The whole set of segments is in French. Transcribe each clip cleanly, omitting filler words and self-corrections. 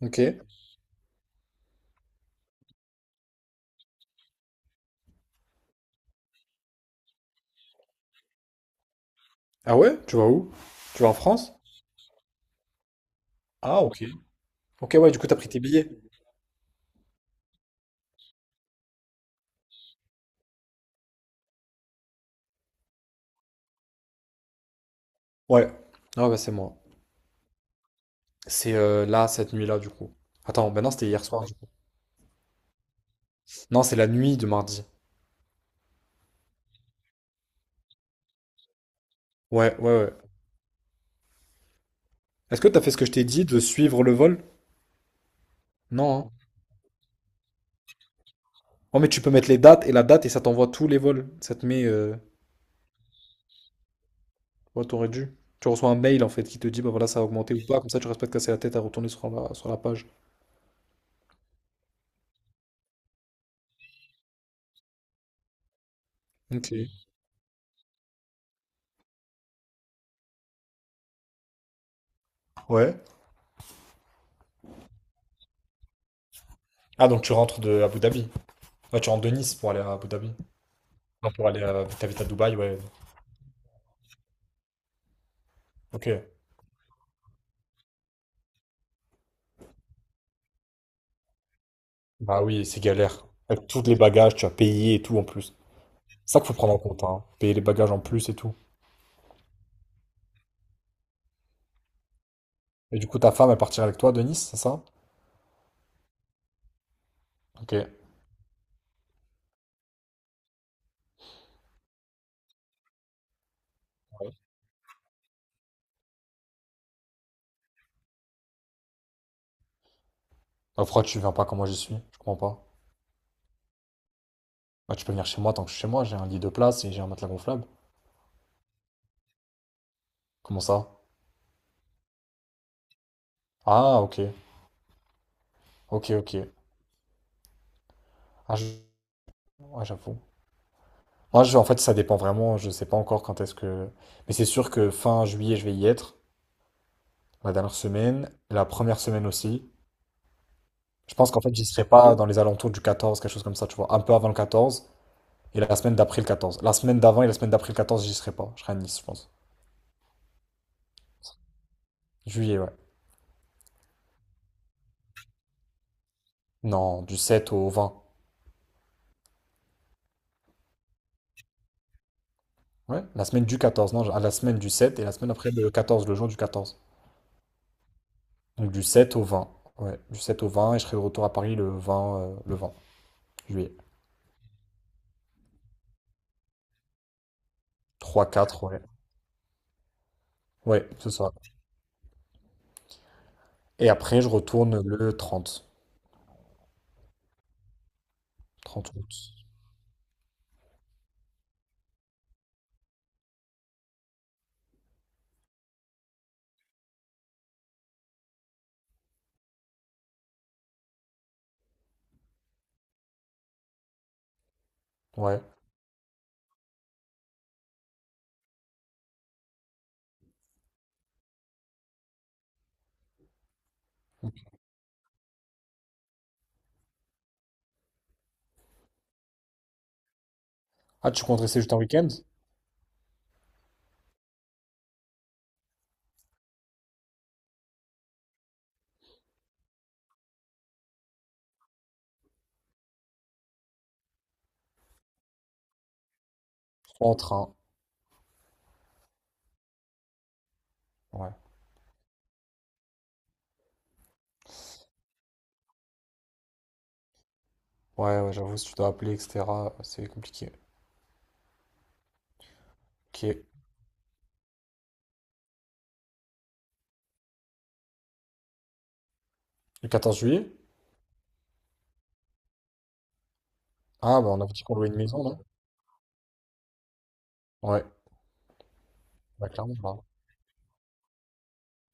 Ok. Ah ouais? Tu vas où? Tu vas en France? Ah ok. Ok ouais, du coup t'as pris tes billets. Ouais. Ah ouais, bah c'est moi. C'est là, cette nuit-là du coup. Attends, bah non, c'était hier soir. Non, c'est la nuit de mardi. Ouais, ouais, ouais. Est-ce que t'as fait ce que je t'ai dit de suivre le vol? Non, hein. Oh mais tu peux mettre les dates et la date et ça t'envoie tous les vols. Ça te met. Ouais, t'aurais dû. Tu reçois un mail en fait qui te dit bah voilà ça a augmenté ou pas, comme ça tu restes pas de casser la tête à retourner sur la page. Ok. Ouais. Ah donc tu rentres de Abu Dhabi. Ouais, tu rentres de Nice pour aller à Abu Dhabi. Non, T'habites à Dubaï, ouais. Ok. Bah oui, c'est galère. Avec tous les bagages, tu as payé et tout en plus. C'est ça qu'il faut prendre en compte, hein. Payer les bagages en plus et tout. Et du coup, ta femme, elle partira avec toi de Nice, c'est ça? Ok. Bah, pourquoi tu viens pas quand moi j'y suis? Je comprends pas. Bah, tu peux venir chez moi tant que je suis chez moi, j'ai un lit de place et j'ai un matelas gonflable. Comment ça? Ah, ok. Ok, ok. Ah, ouais, j'avoue. Moi, en fait, ça dépend vraiment. Je sais pas encore quand est-ce que. Mais c'est sûr que fin juillet, je vais y être. La dernière semaine, la première semaine aussi. Je pense qu'en fait, j'y serai pas dans les alentours du 14, quelque chose comme ça, tu vois, un peu avant le quatorze et la semaine d'après le 14. La semaine d'avant et la semaine d'après le 14, j'y serai pas. Je serai à Nice, je pense. Juillet, ouais. Non, du sept au vingt. Ouais, la semaine du quatorze, non, à la semaine du sept et la semaine après le 14, le jour du 14. Donc du 7 au 20. Ouais, du 7 au vingt et je serai de retour à Paris le 20 juillet. Trois, quatre, ouais. Ouais, c'est ça. Et après, je retourne le trente. 30 août. Ouais. Ah, tu comptes rester juste un week-end? En train. Ouais. Ouais, ouais, j'avoue, si tu dois appeler, etc., c'est compliqué. Ok. Le 14 juillet? Ah, bah on avait dit qu'on louait une maison, non? Ouais, bah clairement, bah.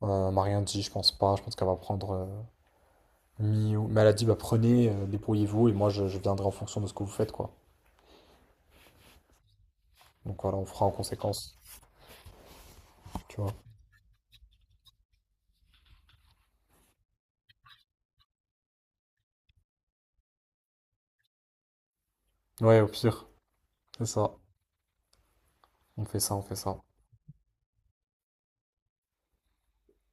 Elle m'a rien dit, je pense pas. Je pense qu'elle va prendre mais elle a dit, bah prenez, débrouillez-vous, et moi je viendrai en fonction de ce que vous faites, quoi. Donc voilà, on fera en conséquence, tu vois. Ouais, au pire, c'est ça. On fait ça, on fait ça.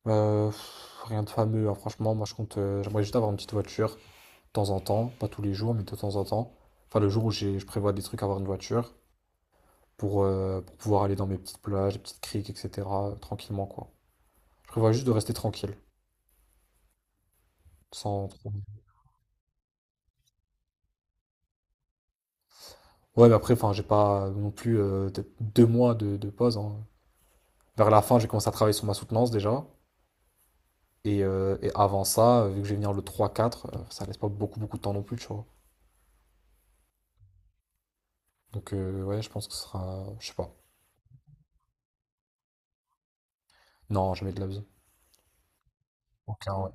Pff, rien de fameux, hein, franchement, moi je compte. J'aimerais juste avoir une petite voiture, de temps en temps, pas tous les jours, mais de temps en temps. Enfin, le jour où j'ai, je prévois des trucs, avoir une voiture. Pour pouvoir aller dans mes petites plages, petites criques, etc. Tranquillement, quoi. Je prévois juste de rester tranquille, sans trop- Ouais, mais après, enfin, j'ai pas non plus peut-être 2 mois de pause, hein. Vers la fin, j'ai commencé à travailler sur ma soutenance déjà. Et avant ça, vu que je vais venir le 3-4, ça laisse pas beaucoup beaucoup de temps non plus, tu vois. Donc ouais, je pense que ce sera, je sais pas. Non, jamais de la vie. Aucun, ouais.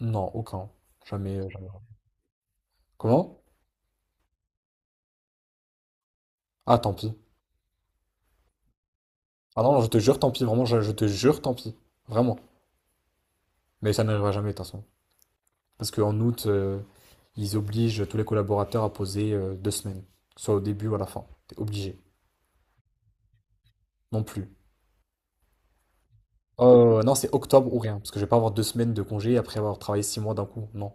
Non, aucun. Jamais, jamais. Comment? Ah, tant pis. Ah non, je te jure, tant pis, vraiment, je te jure, tant pis. Vraiment. Mais ça n'arrivera jamais, de toute façon. Parce qu'en août, ils obligent tous les collaborateurs à poser 2 semaines, que ce soit au début ou à la fin. T'es obligé, non plus. Non, c'est octobre ou rien, parce que je vais pas avoir 2 semaines de congé après avoir travaillé 6 mois d'un coup. Non,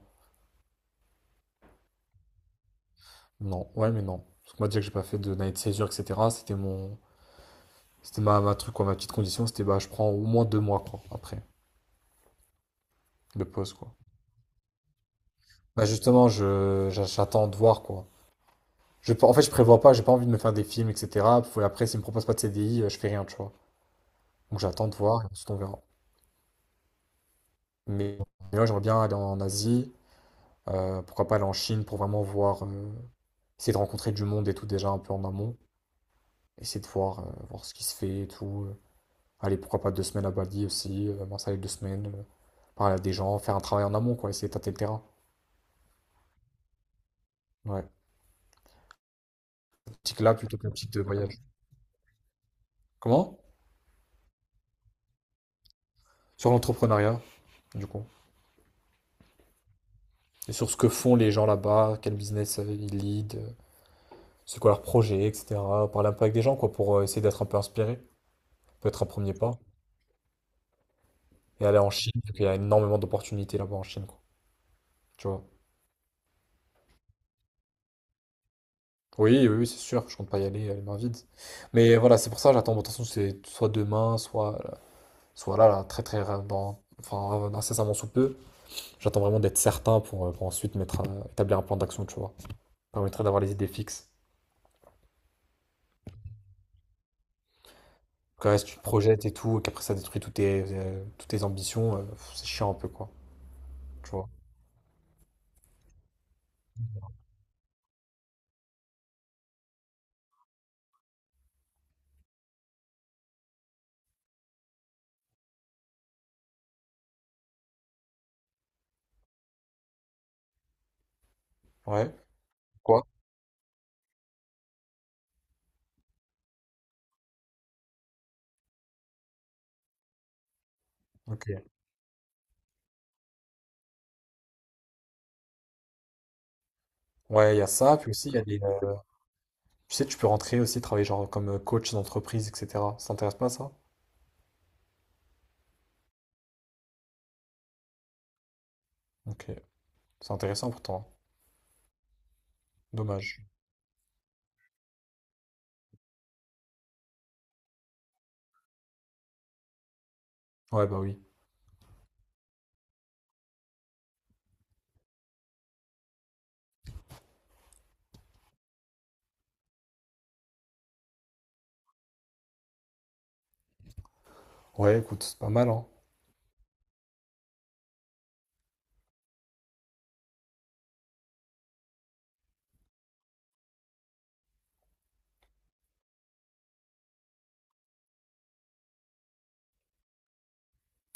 non, ouais, mais non. Parce que moi, déjà que j'ai pas fait d'année de césure, etc., c'était ma truc, quoi, ma petite condition, c'était bah, je prends au moins 2 mois, quoi, après, de pause, quoi. Bah, justement, j'attends de voir, quoi. En fait, je prévois pas, j'ai pas envie de me faire des films, etc. Puis après, s'ils me proposent pas de CDI, je fais rien, tu vois. Donc, j'attends de voir, et ensuite on verra. Mais là, j'aimerais bien aller en Asie, pourquoi pas aller en Chine pour vraiment voir, essayer de rencontrer du monde et tout déjà un peu en amont, essayer de voir ce qui se fait et tout. Allez, pourquoi pas 2 semaines à Bali aussi, m'installer 2 semaines, parler à des gens, faire un travail en amont, quoi, essayer de tâter le terrain. Ouais, optique là plutôt qu'une petite de voyage. Comment? Sur l'entrepreneuriat, du coup. Et sur ce que font les gens là-bas, quel business ils lead, c'est quoi leur projet, etc. Parler un peu avec des gens, quoi, pour essayer d'être un peu inspiré. Peut-être un premier pas. Et aller en Chine, parce qu'il y a énormément d'opportunités là-bas en Chine, quoi. Tu vois. Oui, oui, oui, c'est sûr, je compte pas y aller les mains vides. Mais voilà, c'est pour ça, j'attends. Bon, de toute façon, c'est soit demain, soit là, là, très, très, enfin, incessamment sous peu. J'attends vraiment d'être certain pour ensuite mettre, établir un plan d'action, tu vois. Ça permettrait d'avoir les idées fixes. Quand reste, tu te projettes et tout, et qu'après ça détruit toutes tes ambitions, pff, c'est chiant un peu, quoi. Tu vois. Ouais. Quoi? Ok. Ouais, il y a ça, puis aussi, il y a tu sais, tu peux rentrer aussi, travailler genre comme coach d'entreprise, etc. Ça t'intéresse pas ça? Ok, c'est intéressant pourtant, hein. Dommage. Ouais, bah oui. Ouais, écoute, c'est pas mal, hein.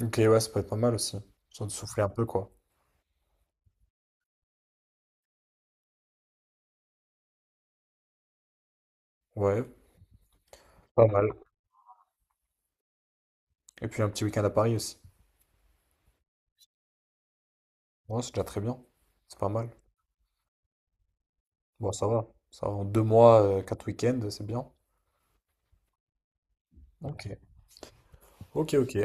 Ok, ouais, ça peut être pas mal aussi. Sans de souffler un peu, quoi. Ouais, pas mal. Et puis un petit week-end à Paris aussi. Ouais, c'est déjà très bien. C'est pas mal. Bon, ça va. Ça va. En 2 mois, 4 week-ends, c'est bien. Ok. Ok, ok.